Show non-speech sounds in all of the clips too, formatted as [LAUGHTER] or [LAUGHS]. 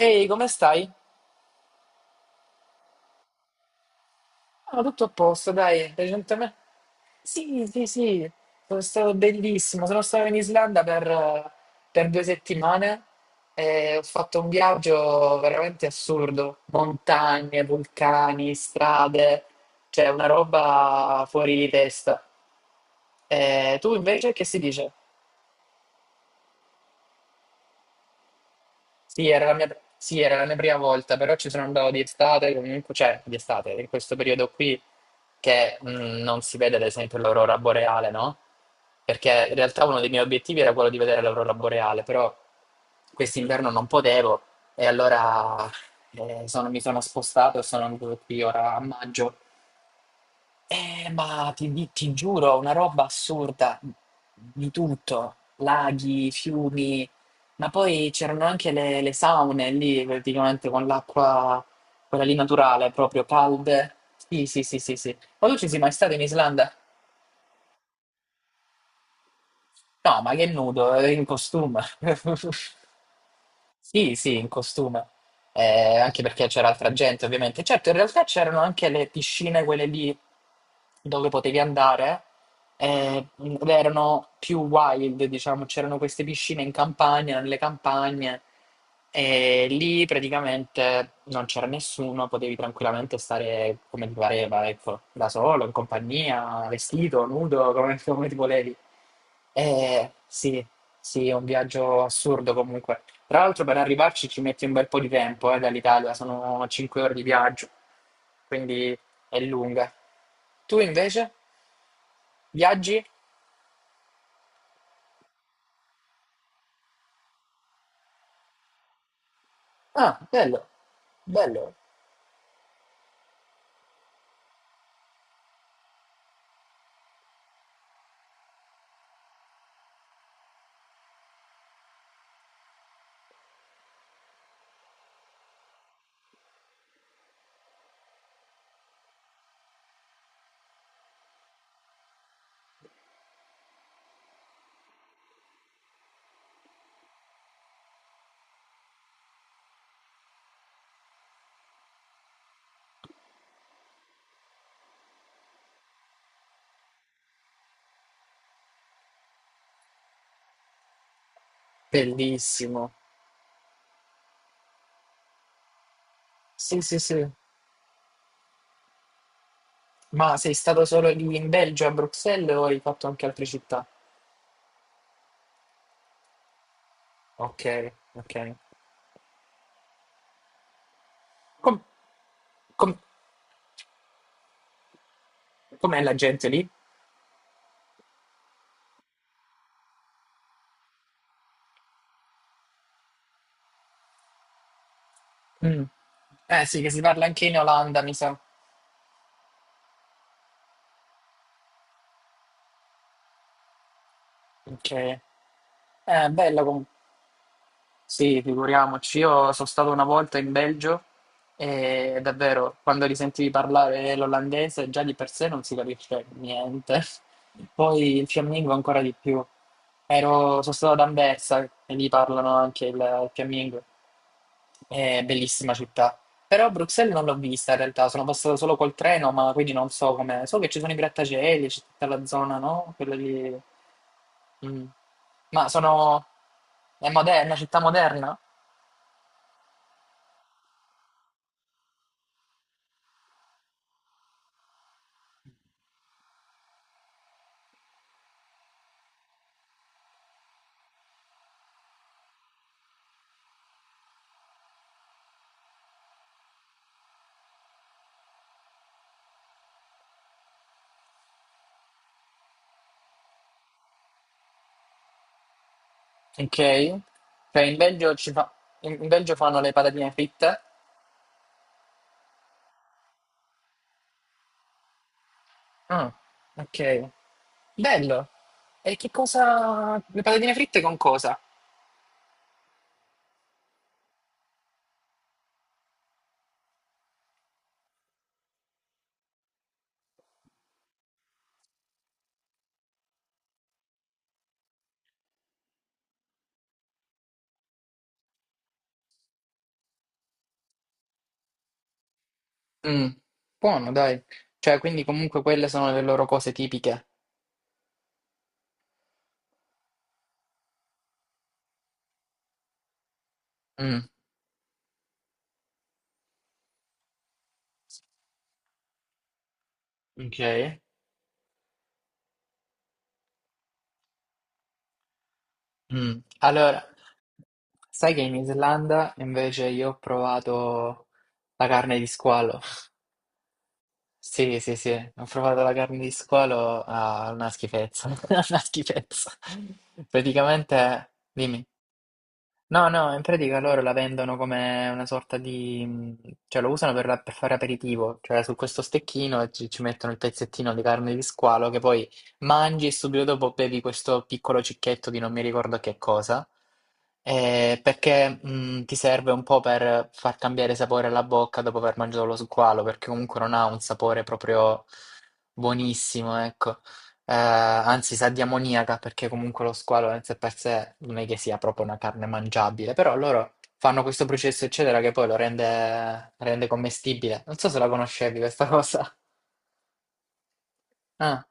Ehi, come stai? Ah, tutto a posto, dai, recentemente. Sì, sì, sì, sono stato bellissimo. Sono stato in Islanda per 2 settimane e ho fatto un viaggio veramente assurdo. Montagne, vulcani, strade, cioè una roba fuori di testa. E tu invece che si dice? Sì, era la mia, sì, era la mia prima volta, però ci sono andato di estate, comunque, cioè di estate, in questo periodo qui che non si vede ad esempio l'aurora boreale, no? Perché in realtà uno dei miei obiettivi era quello di vedere l'aurora boreale, però quest'inverno non potevo e allora mi sono spostato e sono venuto qui ora a maggio, ma ti giuro, una roba assurda di tutto, laghi, fiumi, ma poi c'erano anche le saune lì, praticamente con l'acqua, quella lì naturale, proprio calde. Sì, sì, sì, sì, sì. Ma tu ci sei mai stato in Islanda? No, ma che nudo, in costume. [LAUGHS] Sì, sì, in costume. Anche perché c'era altra gente, ovviamente. Certo, in realtà c'erano anche le piscine, quelle lì dove potevi andare, ed erano più wild, diciamo. C'erano queste piscine in campagna, nelle campagne, e lì praticamente non c'era nessuno, potevi tranquillamente stare come ti pareva, ecco, da solo, in compagnia, vestito, nudo, come ti volevi. Sì, sì, è un viaggio assurdo comunque. Tra l'altro per arrivarci ci metti un bel po' di tempo, dall'Italia, sono 5 ore di viaggio, quindi è lunga. Tu invece viaggi? Ah, bello, bello, bellissimo. Sì, sì, sì. Ma sei stato solo lì in Belgio, a Bruxelles, o hai fatto anche altre città? Ok, ok. Com- com- com'è la gente lì? Mm. Eh sì, che si parla anche in Olanda, mi sa. Ok. Bella comunque. Sì, figuriamoci, io sono stato una volta in Belgio e davvero quando li sentivi parlare l'olandese già di per sé non si capisce niente, [LAUGHS] poi il fiammingo ancora di più. Sono stato ad Anversa e lì parlano anche il fiammingo, è bellissima città. Però Bruxelles non l'ho vista in realtà, sono passato solo col treno, ma quindi non so come. So che ci sono i grattacieli, c'è tutta la zona, no? Quella lì. Mm. Ma sono... è moderna, è una città moderna? Ok? Cioè in Belgio, ci fa... in in Belgio fanno le patatine fritte? Ah, ok. Bello. Le patatine fritte con cosa? Mm, Buono, dai. Cioè, quindi comunque quelle sono le loro cose tipiche. Mm, ok. Mm. Allora, sai che in Islanda invece io ho provato la carne di squalo. Sì, sì, sì, ho provato la carne di squalo, ah, una schifezza, [LAUGHS] una schifezza. Praticamente, dimmi. No, no, in pratica loro la vendono come una sorta di, cioè lo usano per fare aperitivo, cioè su questo stecchino ci mettono il pezzettino di carne di squalo che poi mangi e subito dopo bevi questo piccolo cicchetto di non mi ricordo che cosa, perché ti serve un po' per far cambiare sapore alla bocca dopo aver mangiato lo squalo, perché comunque non ha un sapore proprio buonissimo, ecco. Anzi, sa di ammoniaca perché comunque lo squalo in sé per sé non è che sia proprio una carne mangiabile, però loro fanno questo processo, eccetera, che poi lo rende commestibile. Non so se la conoscevi questa [LAUGHS] cosa. Ah,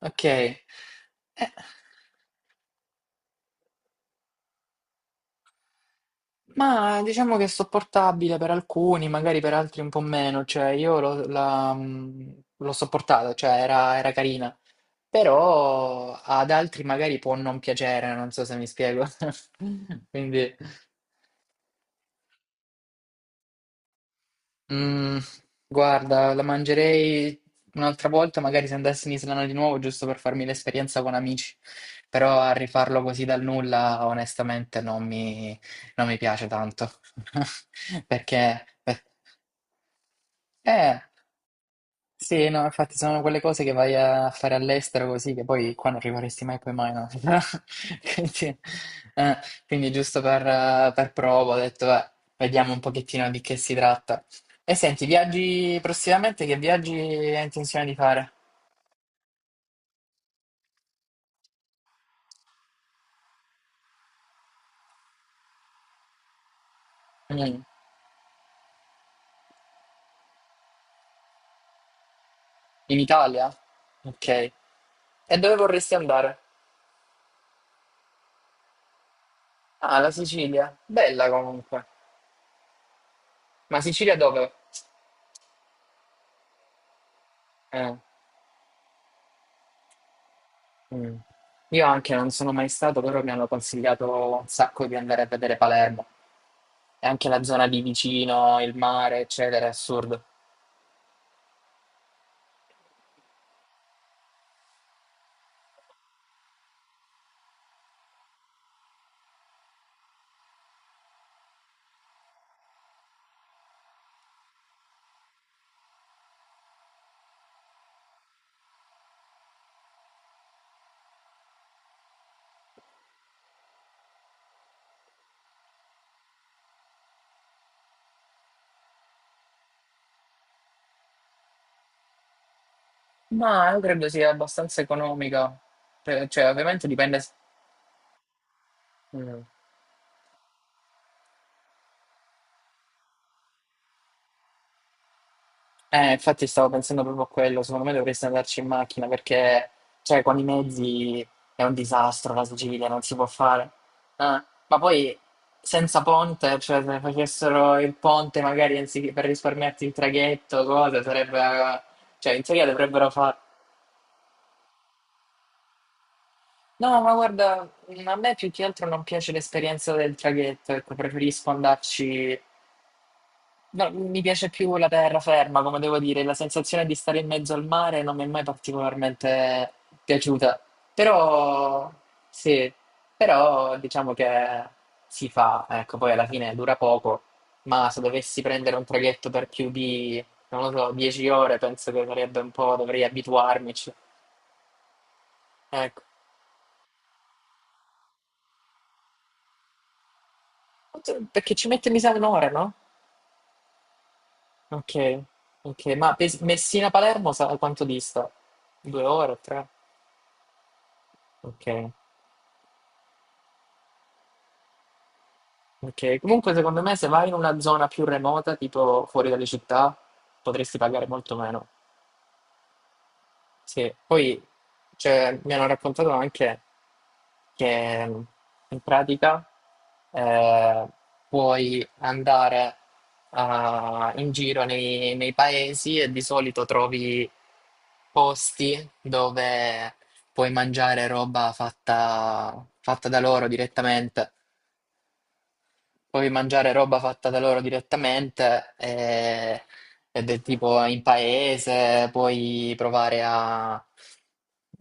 ok. Ma diciamo che è sopportabile per alcuni, magari per altri un po' meno, cioè io l'ho sopportata, cioè era carina, però ad altri magari può non piacere, non so se mi spiego. [LAUGHS] Quindi. Mm, Guarda, la mangerei un'altra volta, magari se andassi in Islanda di nuovo, giusto per farmi l'esperienza con amici. Però a rifarlo così dal nulla, onestamente, non mi piace tanto. [LAUGHS] Perché, eh, sì, no, infatti sono quelle cose che vai a fare all'estero così, che poi qua non rimarresti mai, poi mai, no? [LAUGHS] Quindi, eh, quindi giusto per prova ho detto, "Beh, vediamo un pochettino di che si tratta. E senti, viaggi prossimamente, che viaggi hai intenzione di fare? Mm, In Italia? Ok. E dove vorresti andare? Ah, la Sicilia. Bella comunque. Ma Sicilia dove? Eh. Mm. Io anche non sono mai stato, però mi hanno consigliato un sacco di andare a vedere Palermo e anche la zona di vicino, il mare, eccetera, è assurdo. Ma io credo sia abbastanza economica. Cioè ovviamente dipende. Mm. Infatti stavo pensando proprio a quello, secondo me dovresti andarci in macchina perché, cioè, con i mezzi è un disastro la Sicilia, non si può fare. Ma poi senza ponte, cioè se facessero il ponte magari anziché per risparmiarti il traghetto, cose, sarebbe. Cioè in teoria dovrebbero fare. No, ma guarda, a me più che altro non piace l'esperienza del traghetto, ecco, preferisco andarci. No, mi piace più la terraferma, come devo dire, la sensazione di stare in mezzo al mare non mi è mai particolarmente piaciuta. Però sì, però diciamo che si fa, ecco, poi alla fine dura poco, ma se dovessi prendere un traghetto per più di, non lo so, 10 ore, penso che sarebbe un po', dovrei abituarmici. Ecco, perché ci mette mi sa un'ora, no? Ok, ok, ma Messina-Palermo sa quanto dista? 2 ore, tre? Ok. Ok, comunque secondo me se vai in una zona più remota, tipo fuori dalle città, potresti pagare molto meno. Sì, poi cioè, mi hanno raccontato anche che in pratica eh, puoi andare in giro nei paesi e di solito trovi posti dove puoi mangiare roba fatta, fatta da loro direttamente. Puoi mangiare roba fatta da loro direttamente Ed è tipo in paese,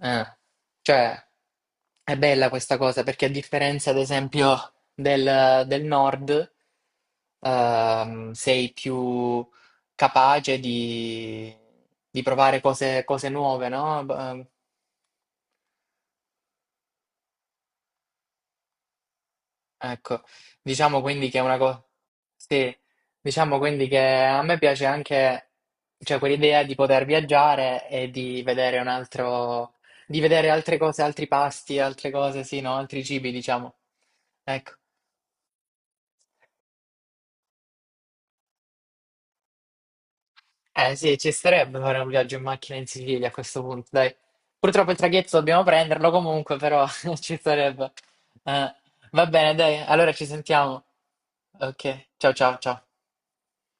eh, cioè, è bella questa cosa perché a differenza, ad esempio, del nord, sei più capace di provare cose nuove, no? Ecco, diciamo quindi che è una cosa, sì, diciamo quindi che a me piace anche, cioè quell'idea di poter viaggiare e di vedere altre cose, altri pasti, altre cose, sì, no, altri cibi, diciamo. Ecco, eh sì, ci starebbe fare un viaggio in macchina in Sicilia a questo punto, dai. Purtroppo il traghetto dobbiamo prenderlo comunque, però [LAUGHS] ci starebbe. Eh, va bene, dai, allora ci sentiamo. Ok, ciao ciao ciao.